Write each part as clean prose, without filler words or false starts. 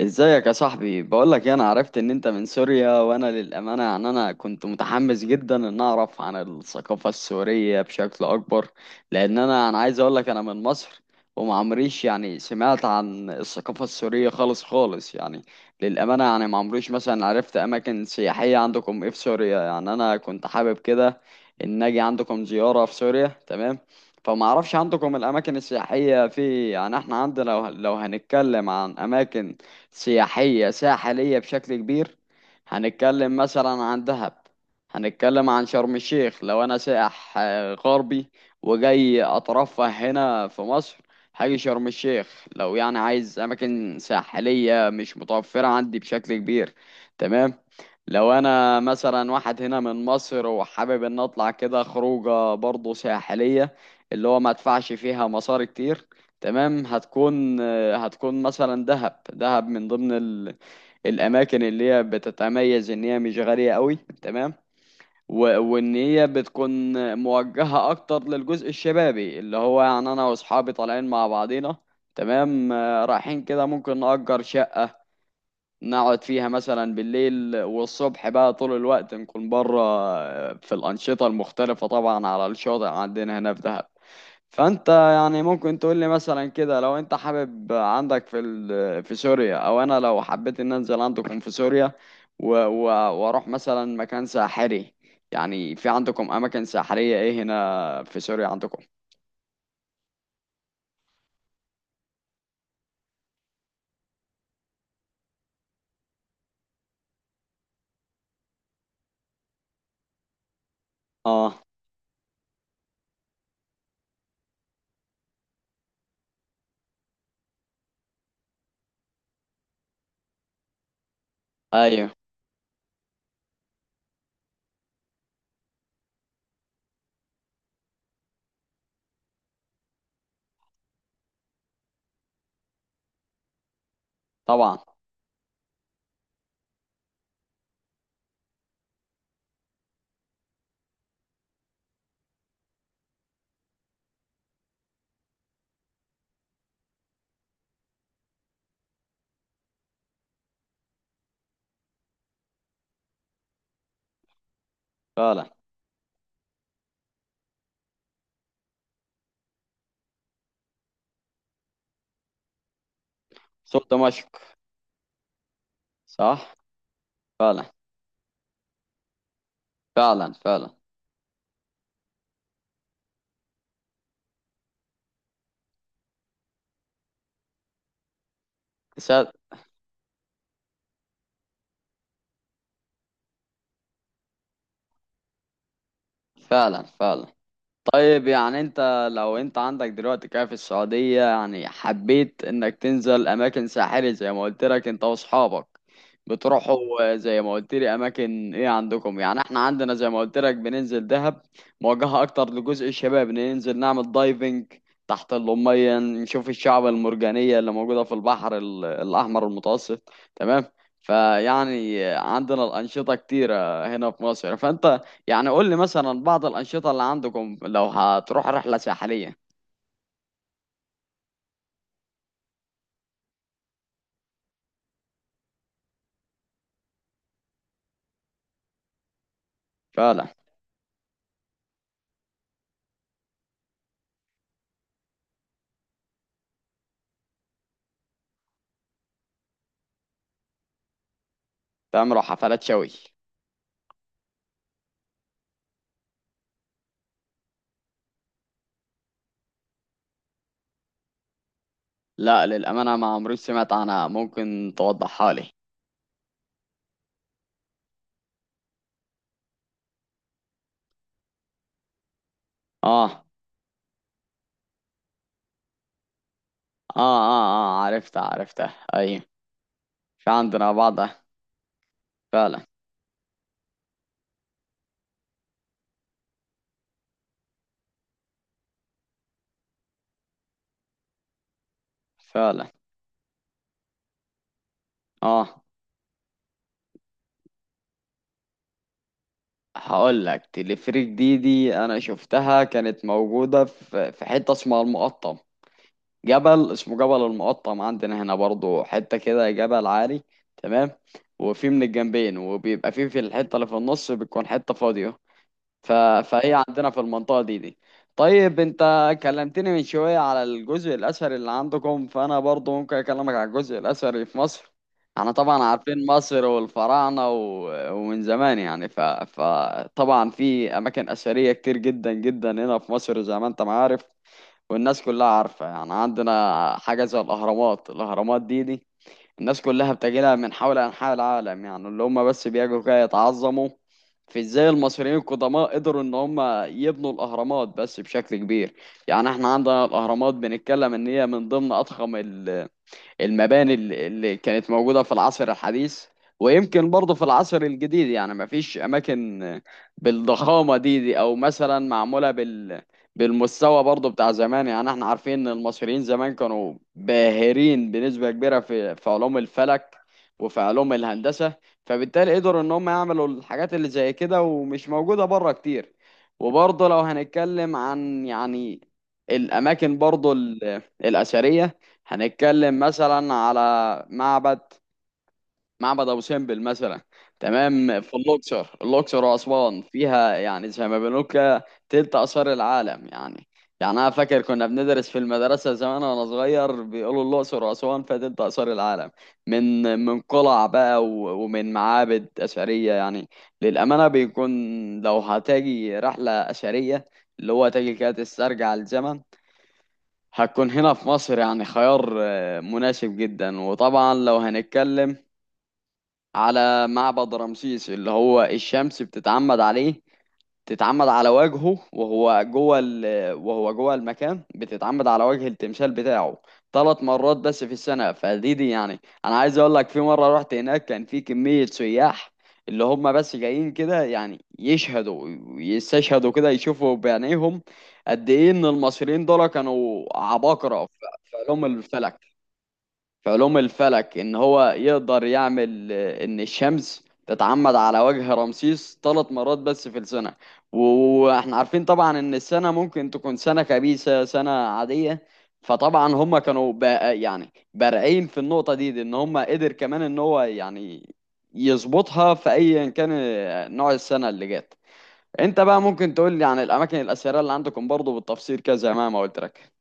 ازيك يا صاحبي؟ بقول لك انا عرفت ان انت من سوريا، وانا للامانه يعني انا كنت متحمس جدا ان اعرف عن الثقافه السوريه بشكل اكبر. لان انا عايز اقول لك انا من مصر. وما عمريش يعني سمعت عن الثقافه السوريه خالص خالص يعني. للامانه يعني ما عمريش مثلا عرفت اماكن سياحيه عندكم ايه في سوريا، يعني انا كنت حابب كده ان اجي عندكم زياره في سوريا. تمام. فما اعرفش عندكم الاماكن السياحيه. في يعني احنا عندنا لو هنتكلم عن اماكن سياحية ساحلية بشكل كبير، هنتكلم مثلا عن دهب، هنتكلم عن شرم الشيخ. لو أنا سائح غربي وجاي أترفه هنا في مصر، هاجي شرم الشيخ لو يعني عايز أماكن ساحلية مش متوفرة عندي بشكل كبير. تمام. لو أنا مثلا واحد هنا من مصر وحابب إن أطلع كده خروجة برضه ساحلية، اللي هو ما ادفعش فيها مصاري كتير، تمام، هتكون، مثلا دهب، دهب من ضمن الاماكن اللي هي بتتميز ان هي مش غالية قوي. تمام. و... وان هي بتكون موجهة اكتر للجزء الشبابي، اللي هو يعني انا واصحابي طالعين مع بعضينا. تمام، رايحين كده ممكن نأجر شقة نقعد فيها مثلا بالليل، والصبح بقى طول الوقت نكون بره في الأنشطة المختلفة، طبعا على الشاطئ عندنا هنا في دهب. فانت يعني ممكن تقول لي مثلا كده، لو انت حابب عندك في سوريا، او انا لو حبيت ان انزل عندكم في سوريا و- و- واروح مثلا مكان ساحري، يعني في عندكم اماكن ساحرية ايه هنا في سوريا عندكم؟ اه. ايوه. طبعا. فعلا، سوق دمشق. صح. فعلا. فعلا، فعلا. سا- فعلا، فعلا. طيب، يعني انت لو انت عندك دلوقتي كده في السعودية، يعني حبيت انك تنزل اماكن ساحلة زي ما قلت لك انت واصحابك، بتروحوا زي ما قلت لي اماكن ايه عندكم؟ يعني احنا عندنا زي ما قلت لك بننزل دهب، موجهة اكتر لجزء الشباب، ننزل نعمل دايفنج تحت المية نشوف الشعب المرجانية اللي موجودة في البحر الاحمر المتوسط. تمام. فيعني عندنا الانشطة كتيرة هنا في مصر. فانت يعني قول لي مثلا بعض الأنشطة اللي عندكم لو هتروح رحلة ساحلية. فعلا. تعملوا حفلات شوي. لا، للأمانة ما عمري سمعت عنها، ممكن توضحها لي؟ آه، آه. آه، آه، عرفتها، عرفتها، أيوة. في عندنا بعضها. فعلا، فعلا. آه. هقول لك. تلفريك دي أنا شفتها كانت موجودة في حتة اسمها المقطم، جبل اسمه جبل المقطم عندنا هنا برضو، حتة كده جبل عالي. تمام. وفي من الجنبين، وبيبقى في الحتة اللي في النص بتكون حتة فاضية. ف... فهي عندنا في المنطقة دي. طيب، انت كلمتني من شوية على الجزء الأثري اللي عندكم، فأنا برضو ممكن أكلمك على الجزء الأثري في مصر. احنا طبعا عارفين مصر والفراعنة ومن زمان يعني. ف... فطبعا في أماكن أثرية كتير جدا جدا هنا في مصر زي ما انت ما عارف، والناس كلها عارفة. يعني عندنا حاجة زي الأهرامات. الأهرامات دي الناس كلها بتجيلها من حول أنحاء العالم، يعني اللي هم بس بيجوا كده يتعظموا في ازاي المصريين القدماء قدروا ان هم يبنوا الأهرامات، بس بشكل كبير. يعني احنا عندنا الأهرامات بنتكلم ان هي من ضمن أضخم المباني اللي كانت موجودة في العصر الحديث، ويمكن برضه في العصر الجديد، يعني ما فيش أماكن بالضخامة دي أو مثلا معمولة بالمستوى برضه بتاع زمان. يعني احنا عارفين ان المصريين زمان كانوا باهرين بنسبة كبيرة في علوم الفلك وفي علوم الهندسة، فبالتالي قدروا ان هم يعملوا الحاجات اللي زي كده ومش موجودة بره كتير. وبرضه لو هنتكلم عن يعني الأماكن برضه الأثرية، هنتكلم مثلا على معبد معبد ابو سمبل مثلا. تمام. في الاقصر، واسوان فيها يعني زي ما بنقول كده تلت اثار العالم يعني. يعني انا فاكر كنا بندرس في المدرسه زمان وانا صغير، بيقولوا الاقصر واسوان فيها تلت اثار العالم، من قلع بقى و- ومن معابد اثريه يعني. للامانه بيكون، لو هتاجي رحله اثريه، اللي هو تاجي كده تسترجع الزمن، هتكون هنا في مصر يعني خيار مناسب جدا. وطبعا لو هنتكلم على معبد رمسيس، اللي هو الشمس بتتعمد عليه، تتعمد على وجهه وهو جوه وهو جوه المكان بتتعمد على وجه التمثال بتاعه 3 مرات بس في السنة. فدي يعني، انا عايز اقول لك في مرة رحت هناك كان في كمية سياح اللي هم بس جايين كده، يعني يشهدوا، يستشهدوا كده يشوفوا بعينيهم قد ايه ان المصريين دول كانوا عباقرة في، في علوم الفلك، في علوم الفلك، ان هو يقدر يعمل ان الشمس تتعمد على وجه رمسيس 3 مرات بس في السنة. و- واحنا عارفين طبعا ان السنة ممكن تكون سنة خبيثة، سنة عادية، فطبعا هم كانوا بقى يعني بارعين في النقطة دي، ان هم قدر كمان ان هو يعني يظبطها في ايا كان نوع السنة اللي جت. انت بقى ممكن تقول لي عن الاماكن الاثيريه اللي عندكم برضو بالتفصيل كذا، زي ما قلت لك؟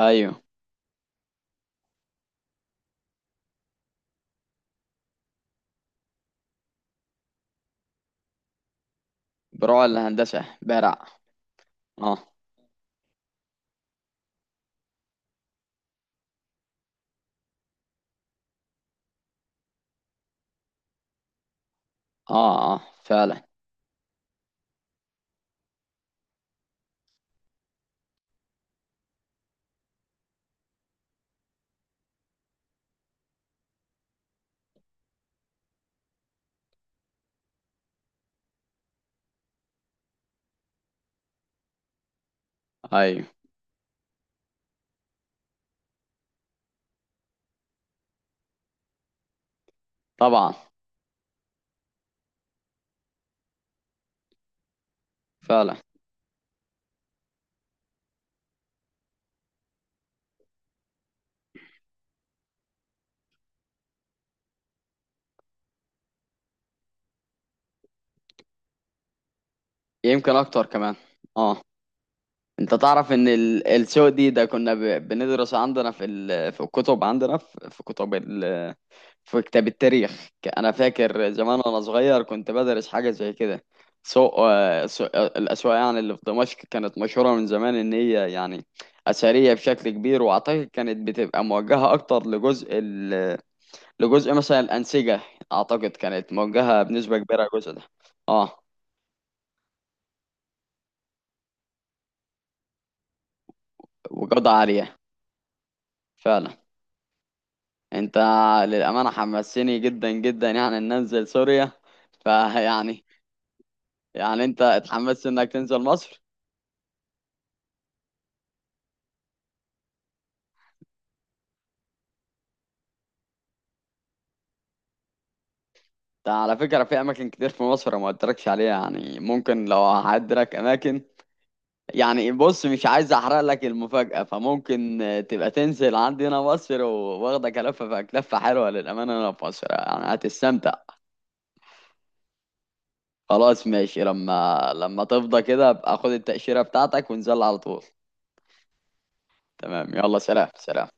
ايوه، بروع الهندسه، بارع. اه، اه، اه. فعلا. ايوه، طبعا. فعلا. يمكن اكتر كمان. اه. انت تعرف ان السوق دي ده كنا بندرس عندنا في الكتب، عندنا في كتب في كتاب التاريخ. انا فاكر زمان وانا صغير كنت بدرس حاجه زي كده. الاسواق يعني اللي في دمشق كانت مشهوره من زمان ان هي يعني اثريه بشكل كبير، واعتقد كانت بتبقى موجهه اكتر لجزء، مثلا الأنسجة، أعتقد كانت موجهة بنسبة كبيرة الجزء ده. اه، وجودة عالية. فعلا. انت، للأمانة حمسني جدا جدا يعني إن أنزل سوريا. فيعني يعني انت اتحمست انك تنزل مصر؟ ده على فكرة، في أماكن كتير في مصر ما قلتلكش عليها، يعني ممكن لو هعدلك أماكن. يعني بص، مش عايز أحرق لك المفاجأة، فممكن تبقى تنزل عندنا مصر، وواخدك ألفة في لفة حلوة للأمانة هنا في مصر يعني هتستمتع. خلاص، ماشي. لما تفضى كده ابقى خد التأشيرة بتاعتك ونزل على طول. تمام. يلا سلام، سلام.